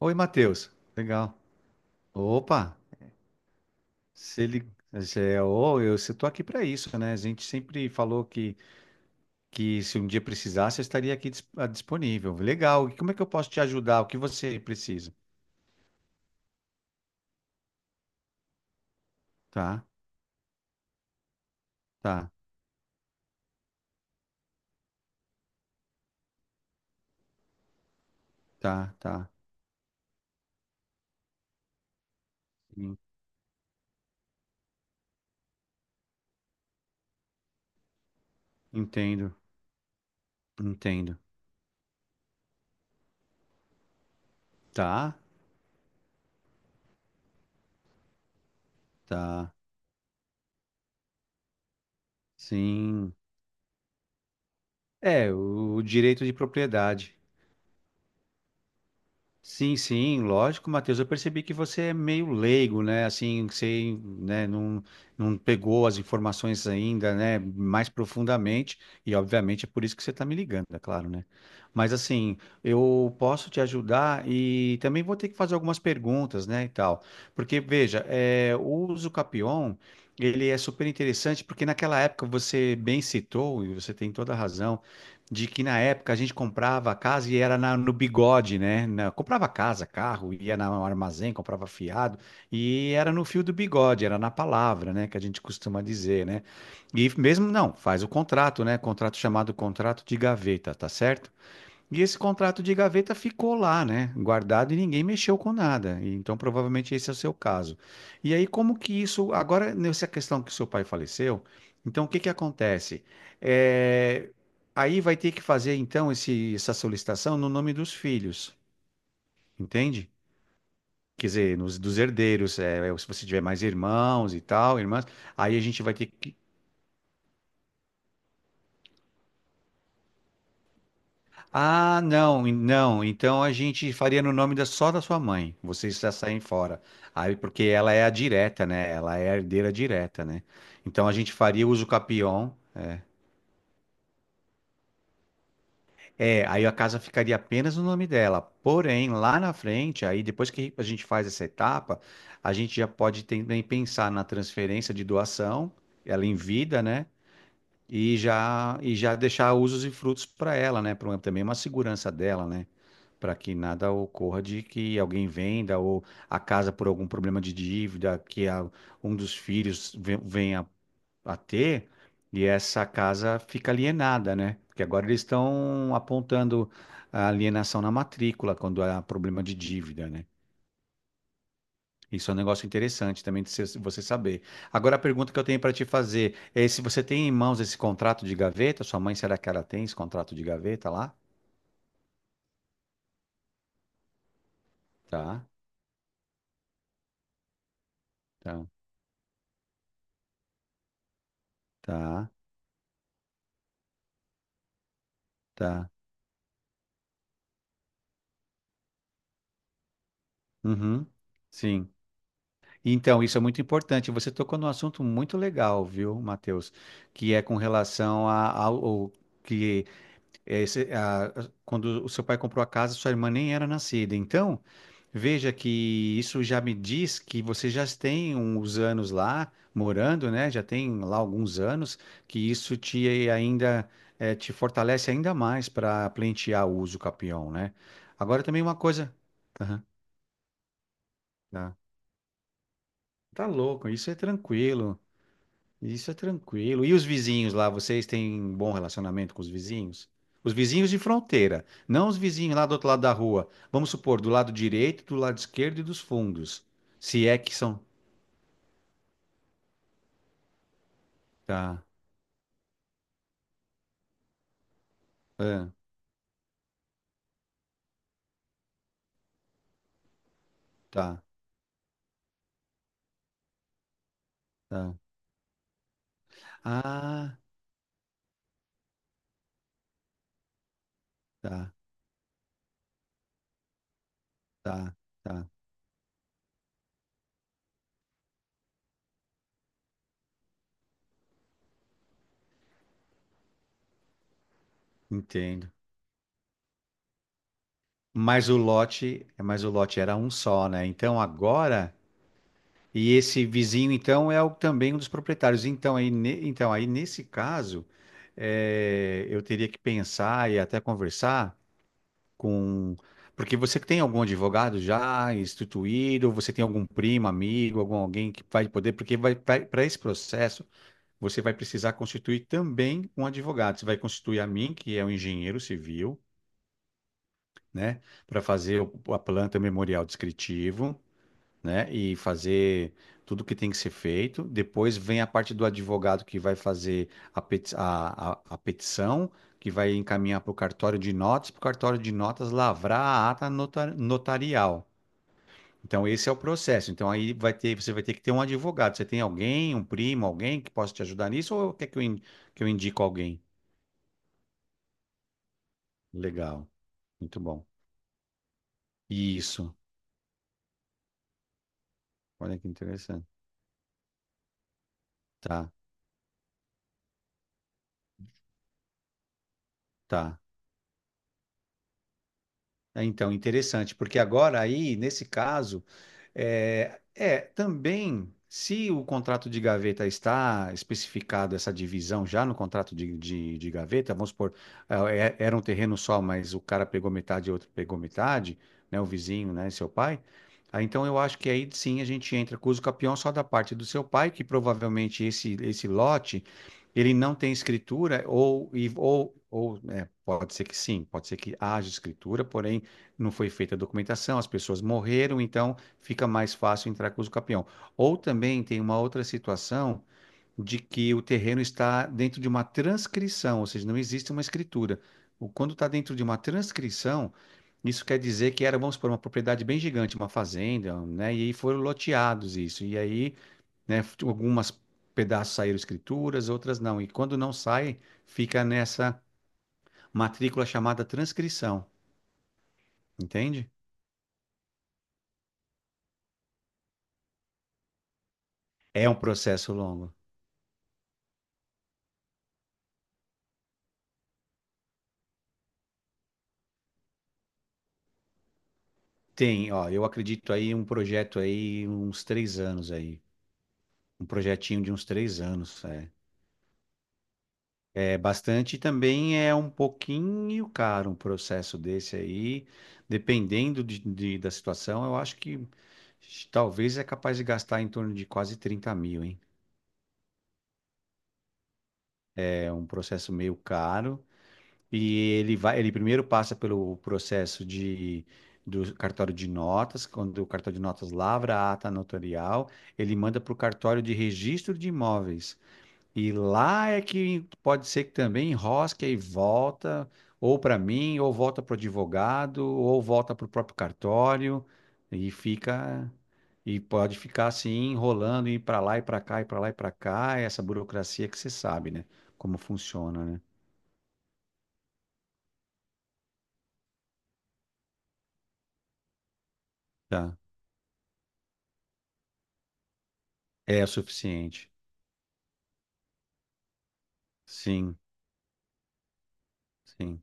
Oi, Matheus. Legal. Opa, se ele. Se é- ô, eu estou aqui para isso, né? A gente sempre falou que se um dia precisasse, eu estaria aqui disponível. Legal. E como é que eu posso te ajudar? O que você precisa? Tá, tá, tá, tá. Sim. Entendo, entendo. Tá, tá. Sim. É, o direito de propriedade. Sim, sim, lógico, Matheus. Eu percebi que você é meio leigo, né? Assim, você, né, não, não pegou as informações ainda, né, mais profundamente, e obviamente é por isso que você está me ligando, é claro, né? Mas assim, eu posso te ajudar e também vou ter que fazer algumas perguntas, né, e tal. Porque, veja, é, o Usucapion, ele é super interessante, porque naquela época você bem citou, e você tem toda a razão, de que na época a gente comprava casa e era no bigode, né? Comprava casa, carro, ia no armazém, comprava fiado e era no fio do bigode, era na palavra, né? Que a gente costuma dizer, né? E mesmo não, faz o contrato, né? Contrato chamado contrato de gaveta, tá certo? E esse contrato de gaveta ficou lá, né? Guardado e ninguém mexeu com nada. E então, provavelmente esse é o seu caso. E aí, como que isso. Agora, nessa questão que seu pai faleceu, então o que que acontece? É, aí vai ter que fazer, então, esse... essa solicitação no nome dos filhos, entende? Quer dizer, nos... dos herdeiros, se você tiver mais irmãos e tal, irmãs, aí a gente vai ter que... Ah, não, não. Então a gente faria no nome da, só da sua mãe. Vocês já saem fora. Aí, porque ela é a direta, né? Ela é a herdeira direta, né? Então a gente faria uso capião. É, aí a casa ficaria apenas no nome dela. Porém, lá na frente, aí depois que a gente faz essa etapa, a gente já pode também pensar na transferência de doação, ela em vida, né? e já deixar usos e frutos para ela, né? Pra, também uma segurança dela, né? Para que nada ocorra de que alguém venda ou a casa por algum problema de dívida que um dos filhos venha a ter e essa casa fica alienada, né? Porque agora eles estão apontando a alienação na matrícula quando há problema de dívida, né? Isso é um negócio interessante também de você saber. Agora, a pergunta que eu tenho para te fazer é se você tem em mãos esse contrato de gaveta, sua mãe, será que ela tem esse contrato de gaveta lá? Tá, tá, tá, tá. Uhum, sim. Então, isso é muito importante. Você tocou num assunto muito legal, viu, Matheus? Que é com relação a- ao, ao- que É, esse- é a- quando o seu pai comprou a casa, sua irmã nem era nascida. Então, veja que isso já me diz que você já tem uns anos lá morando, né? Já tem lá alguns anos, que isso te ainda te fortalece ainda mais para pleitear o uso capião, né? Agora também uma coisa. Aham, tá. Tá louco, isso é tranquilo. Isso é tranquilo. E os vizinhos lá, vocês têm bom relacionamento com os vizinhos? Os vizinhos de fronteira, não os vizinhos lá do outro lado da rua. Vamos supor, do lado direito, do lado esquerdo e dos fundos. Se é que são. Tá, ah, tá, tá. Ah, tá, tá, tá. Entendo. Mas o lote era um só, né? Então agora... E esse vizinho, então, é também um dos proprietários. Então, aí, então, aí nesse caso, eu teria que pensar e até conversar com... Porque você tem algum advogado já instituído, você tem algum primo, amigo, algum alguém que vai poder, porque vai, para esse processo você vai precisar constituir também um advogado. Você vai constituir a mim, que é um engenheiro civil, né, para fazer a planta memorial descritivo, né? E fazer tudo que tem que ser feito. Depois vem a parte do advogado que vai fazer a petição, que vai encaminhar para o cartório de notas, para o cartório de notas lavrar a ata notarial. Então, esse é o processo. Então, aí vai ter, você vai ter que ter um advogado. Você tem alguém, um primo, alguém que possa te ajudar nisso, ou quer que eu, que eu indico alguém? Legal. Muito bom. Isso. Olha que interessante. Tá, tá. Ah, então, interessante, porque agora aí, nesse caso, também, se o contrato de gaveta está especificado essa divisão já no contrato de gaveta, vamos supor, ah, era um terreno só, mas o cara pegou metade e outro pegou metade, né, o vizinho, né, seu pai, ah, então eu acho que aí sim a gente entra com o uso capião só da parte do seu pai, que provavelmente esse lote, ele não tem escritura, ou né, pode ser que sim, pode ser que haja escritura, porém não foi feita a documentação, as pessoas morreram, então fica mais fácil entrar com o campeão. Ou também tem uma outra situação de que o terreno está dentro de uma transcrição, ou seja, não existe uma escritura. Quando está dentro de uma transcrição, isso quer dizer que era, vamos supor, uma propriedade bem gigante, uma fazenda, né? E aí foram loteados isso. E aí, né, algumas pedaços saíram escrituras, outras não. E quando não sai, fica nessa matrícula chamada transcrição, entende? É um processo longo. Tem, ó, eu acredito aí em um projeto aí, uns 3 anos aí. Um projetinho de uns 3 anos. É, é bastante e também é um pouquinho caro um processo desse aí. Dependendo da situação, eu acho que talvez é capaz de gastar em torno de quase 30 mil, hein? É um processo meio caro. E ele primeiro passa pelo processo de do cartório de notas, quando o cartório de notas lavra a ata notarial, ele manda para o cartório de registro de imóveis. E lá é que pode ser que também enrosque e volta, ou para mim, ou volta para o advogado, ou volta para o próprio cartório, e fica, e pode ficar assim, enrolando, ir para lá e para cá, e para lá e para cá. É essa burocracia que você sabe, né? Como funciona, né? Tá. É suficiente. Sim, sim.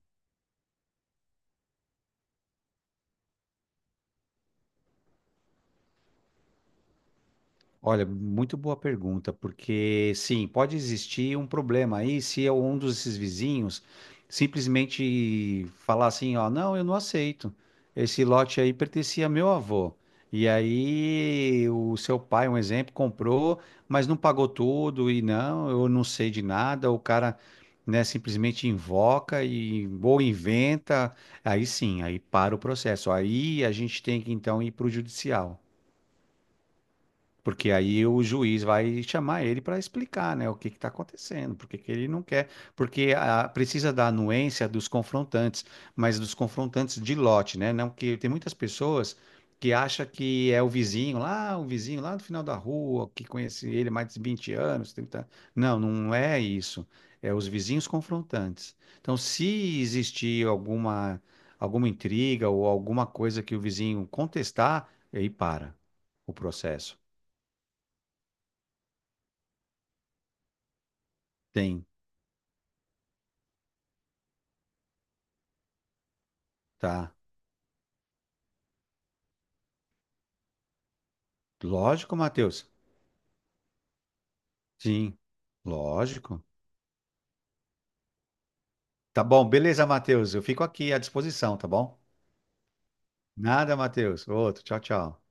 Olha, muito boa pergunta, porque sim, pode existir um problema aí se é um desses vizinhos simplesmente falar assim, ó, não, eu não aceito. Esse lote aí pertencia a meu avô. E aí o seu pai, um exemplo, comprou, mas não pagou tudo e não, eu não sei de nada. O cara, né, simplesmente invoca e ou inventa. Aí sim, aí para o processo. Aí a gente tem que então ir para o judicial. Porque aí o juiz vai chamar ele para explicar, né, o que está acontecendo, porque que ele não quer, porque ah, precisa da anuência dos confrontantes, mas dos confrontantes de lote, né? Não que tem muitas pessoas que acham que é o vizinho lá do final da rua, que conhece ele há mais de 20 anos, 30 anos. Não, não é isso. É os vizinhos confrontantes. Então, se existir alguma alguma intriga ou alguma coisa que o vizinho contestar, aí para o processo. Tem, tá. Lógico, Matheus. Sim, lógico. Tá bom, beleza, Matheus. Eu fico aqui à disposição, tá bom? Nada, Matheus. Outro, tchau, tchau.